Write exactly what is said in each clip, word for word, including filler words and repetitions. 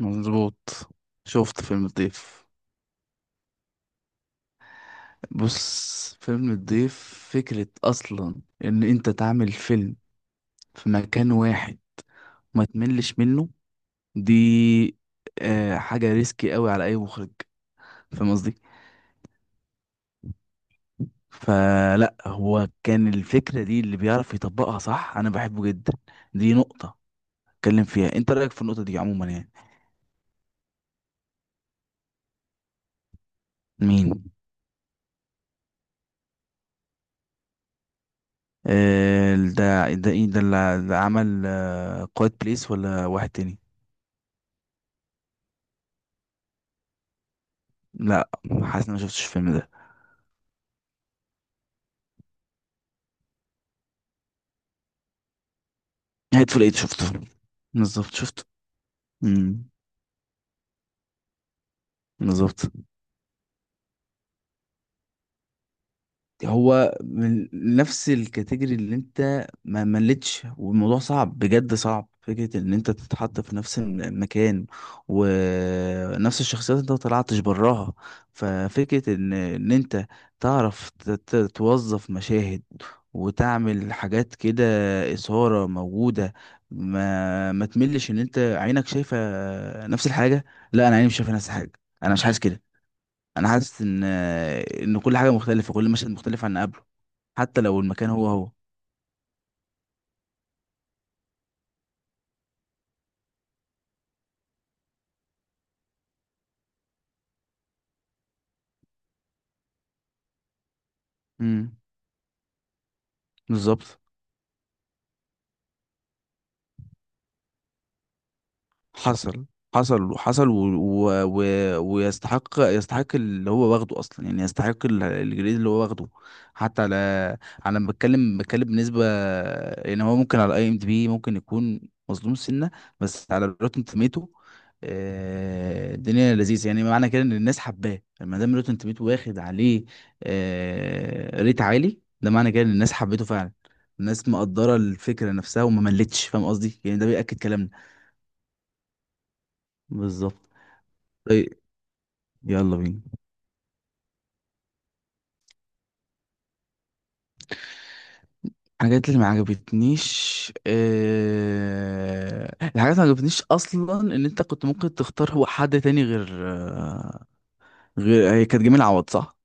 مظبوط. شفت فيلم الضيف. بص، فيلم الضيف، فكرة أصلا إن أنت تعمل فيلم في مكان واحد ما تملش منه، دي آه حاجة ريسكي قوي على أي مخرج، فاهم قصدي؟ فلا هو كان الفكرة دي اللي بيعرف يطبقها صح، أنا بحبه جدا. دي نقطة اتكلم فيها، أنت رأيك في النقطة دي عموما يعني مين؟ آه ده ده إيه ده اللي ده عمل آه قائد بليس، ولا واحد تاني؟ لا، حاسس إن أنا شفتش الفيلم ده. هيتفول إيت شفته. بالظبط شفته. امم بالظبط. هو من نفس الكاتيجوري اللي انت ما ملتش، والموضوع صعب، بجد صعب، فكرة ان انت تتحط في نفس المكان ونفس الشخصيات، انت ما طلعتش براها. ففكرة ان ان انت تعرف ت- ت- توظف مشاهد وتعمل حاجات كده، إثارة موجودة. ما ما تملش ان انت عينك شايفة نفس الحاجة. لا، انا عيني مش شايفة نفس الحاجة. انا مش حاسس كده. انا حاسس ان ان كل حاجة مختلفة، كل مشهد مختلف عن اللي قبله، حتى لو المكان هو هو. امم بالظبط. حصل. حصل حصل و... و... و... ويستحق، يستحق اللي هو واخده اصلا، يعني يستحق ال- الجريد اللي هو واخده. حتى على على ما بتكلم بتكلم بالنسبه، يعني هو ممكن على اي ام دي بي ممكن يكون مظلوم سنه، بس على روتن توميتو آه، الدنيا لذيذه، يعني معنى كده ان الناس حباه، ما دام روتن توميتو واخد عليه آه، ريت عالي، ده معنى كده ان الناس حبيته فعلا، الناس مقدره الفكره نفسها وما ملتش، فاهم قصدي؟ يعني ده بيأكد كلامنا. بالظبط. طيب، يلا بينا. الحاجات اللي ما عجبتنيش، آه... الحاجات اللي ما عجبتنيش اصلا ان انت كنت ممكن تختار هو حد تاني غير آه، غير هي كانت جميل عوض، صح؟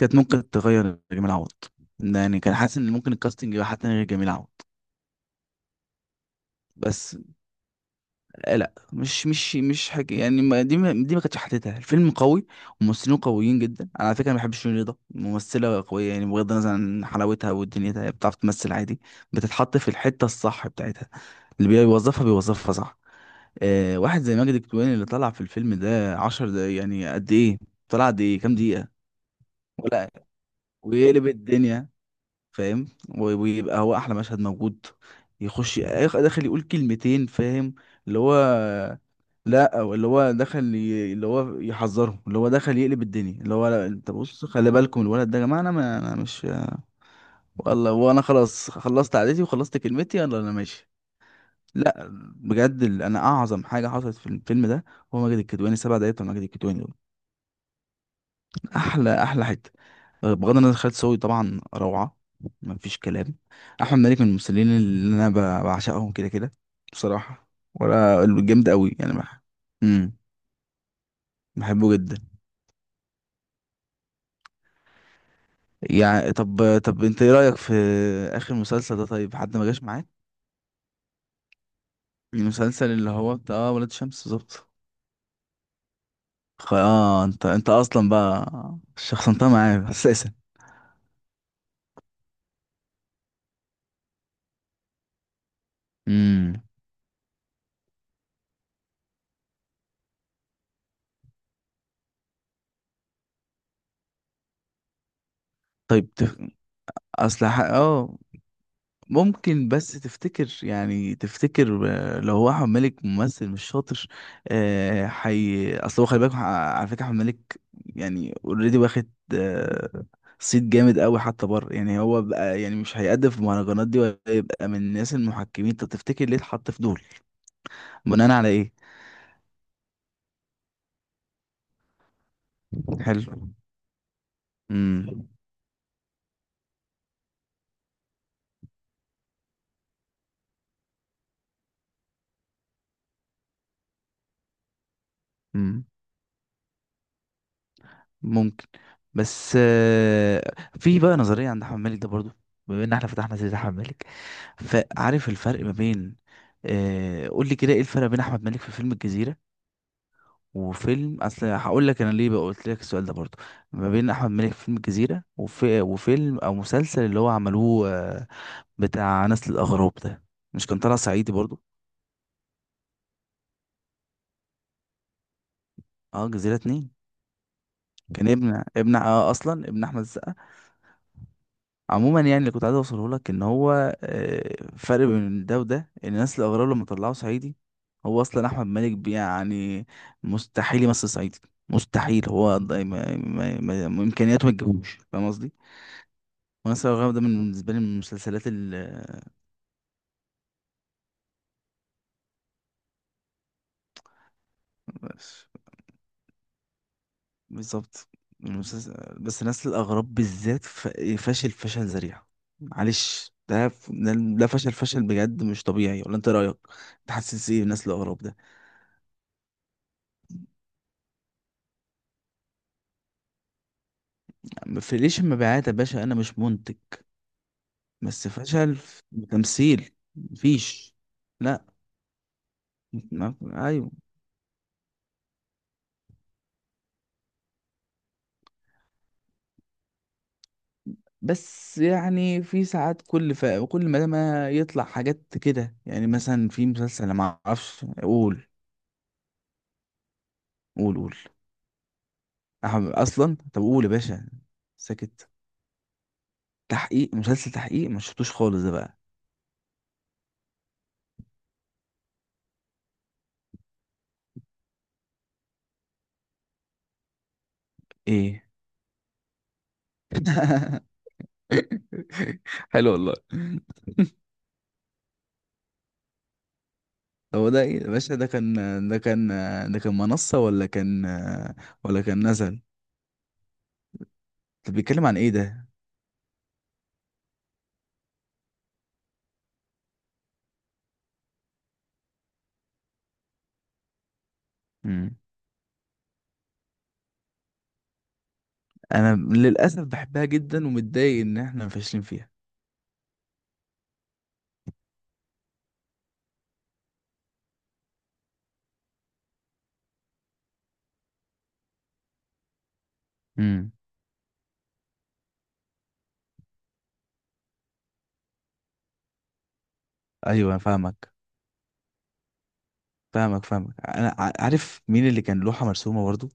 كانت ممكن تغير جميل عوض. يعني كان حاسس ان ممكن الكاستنج يبقى حد تاني غير جميل عوض. بس آه لا مش مش مش حاجه يعني، ما دي ما دي ما كانتش حتتها الفيلم قوي. وممثلين قويين جدا، انا على فكره ما بحبش شيرين رضا، ممثله قويه يعني، بغض النظر عن حلاوتها ودنيتها، هي بتعرف تمثل عادي. بتتحط في الحته الصح بتاعتها، اللي بيوظفها بيوظفها صح. آه، واحد زي ماجد الكدواني اللي طلع في الفيلم ده عشر دقايق، يعني قد ايه طلع، قد ايه، كام دقيقة، ويقلب الدنيا، فاهم؟ و- ويبقى هو احلى مشهد موجود. يخش يخ- داخل يقول كلمتين، فاهم؟ اللي هو لا، او اللي هو دخل ي- اللي هو يحذره، اللي هو دخل يقلب الدنيا، اللي هو لا انت بص خلي بالكم الولد ده يا جماعه، انا ما انا مش والله، وانا خلاص خلصت عادتي وخلصت كلمتي، يلا انا ماشي. لا، بجد ال- انا اعظم حاجه حصلت في الفيلم ده هو ماجد الكدواني، سبع دقايق بتوع ماجد الكدواني دول، احلى احلى حته. آه، بغض النظر، خالد صاوي طبعا روعه، مفيش كلام. احمد مالك من الممثلين اللي انا ب- بعشقهم كده كده بصراحه، ولا جامد قوي يعني، بح... امم بحبه جدا. يعني طب طب انت ايه رايك في اخر مسلسل ده؟ طيب، حد ما جاش معاك؟ المسلسل اللي هو بتاع اه ولاد شمس، بالظبط. خ- اه انت انت اصلا بقى شخصنتها معايا اساسا. امم طيب تف... اصل ح... اه ممكن بس تفتكر، يعني تفتكر آه، لو هو احمد مالك ممثل مش شاطر؟ آه، حي اصل هو خلي بالك، ح- على فكره احمد مالك يعني اوريدي واخد آه، صيت جامد قوي حتى بره يعني، هو بقى يعني مش هيقدم في المهرجانات دي، ولا يبقى من الناس المحكمين. طب تفتكر ليه اتحط في دول، بناء على ايه؟ حلو. امم امم. ممكن. بس آه، في بقى نظرية عند أحمد مالك ده برضو، بما إن احنا فتحنا سيرة أحمد مالك، فعارف الفرق ما بين آه، قول لي كده، ايه الفرق بين أحمد مالك في فيلم الجزيرة وفيلم، أصل هقول لك أنا ليه بقى قلت لك السؤال ده برضو، ما بين أحمد مالك في فيلم الجزيرة وفي وفيلم أو مسلسل اللي هو عملوه آه، بتاع نسل الأغراب ده، مش كان طلع صعيدي برضو؟ اه، جزيرة اتنين، كان ابن ابن اه اصلا ابن احمد السقا. عموما يعني اللي كنت عايز اوصله لك ان هو آه، فرق بين ده وده، ان الناس الاغراب لما طلعوا صعيدي، هو اصلا احمد مالك بي- يعني مستحيل يمثل صعيدي، مستحيل. هو ض- ما ما ما ما- امكانياته ما تجيبوش، فاهم قصدي؟ وناس الاغراب ده من بالنسبه لي من المسلسلات ال آه، بالظبط. المسلسل، بس ناس الاغراب بالذات ف- فاشل فشل ذريع، معلش. ده ف- ده ده فشل، فشل بجد مش طبيعي، ولا انت إيه رايك؟ تحسس ايه ناس الاغراب ده؟ مفيش مبيعات يا باشا، انا مش منتج. بس فشل في تمثيل، مفيش. لا. ما- ايوه. بس يعني في ساعات كل ف... كل ما ما يطلع حاجات كده يعني، مثلا في مسلسل، أنا ما اعرفش، قول. قول قول. أحب... اصلا طب قول يا باشا. سكت؟ تحقيق، مسلسل تحقيق، ما شفتوش خالص ده بقى. ايه؟ حلو والله. هو ده ايه يا باشا؟ ده كان ده كان ده كان منصة ولا كان، ولا كان نزل؟ طب بيتكلم عن ايه ده؟ امم انا للاسف بحبها جدا، ومتضايق ان احنا فاشلين فيها. امم ايوه، أنا فاهمك فاهمك فاهمك. انا ع- عارف مين اللي كان لوحه مرسومه برضو.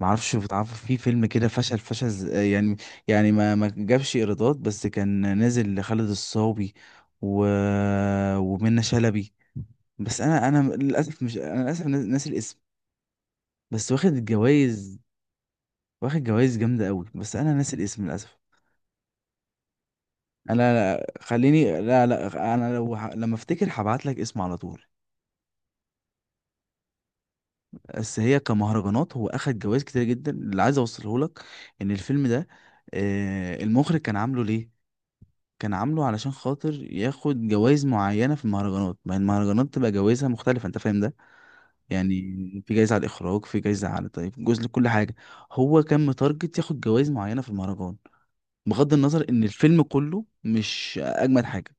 ما اعرفش، بتعرف، في فيلم كده فشل، فشل ز- يعني يعني ما ما جابش ايرادات، بس كان نازل لخالد الصاوي و... ومنة شلبي. بس انا انا للاسف مش، انا للاسف ناس- ناسي الاسم، بس واخد الجوائز. واخد جوائز جامده قوي، بس انا ناسي الاسم للاسف. انا خليني، لا لا انا لو ه... لما افتكر هبعت لك اسم على طول. بس هي كمهرجانات هو اخد جوائز كتير جدا، اللي عايز اوصله لك ان الفيلم ده آه، المخرج كان عامله ليه، كان عامله علشان خاطر ياخد جوائز معينة في المهرجانات، ما هي المهرجانات تبقى جوائزها مختلفة، انت فاهم ده؟ يعني في جايزة على الاخراج، في جايزة على طيب، جزء لكل حاجة، هو كان متارجت ياخد جوائز معينة في المهرجان، بغض النظر ان الفيلم كله مش اجمد حاجة،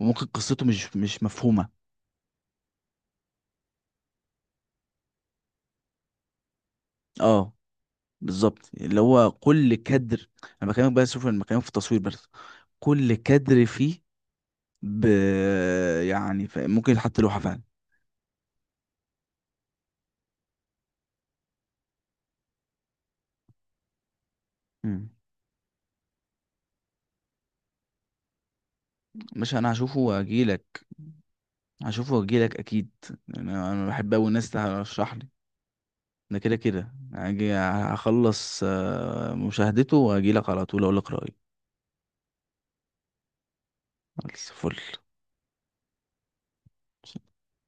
وممكن قصته مش مش مفهومة. اه، بالظبط. اللي هو كل كادر، انا بكلمك بقى، شوف، انا بكلمك في التصوير بس، كل كادر فيه ب... يعني ف... ممكن يتحط لوحة فعلا. مم. مش انا هشوفه واجيلك. هشوفه واجيلك اكيد. يعني انا انا بحب اوي الناس تشرح لي. ده كده كده هاجي هخلص آه، مشاهدته واجيلك على طول، اقولك رأيي. خلاص، فل.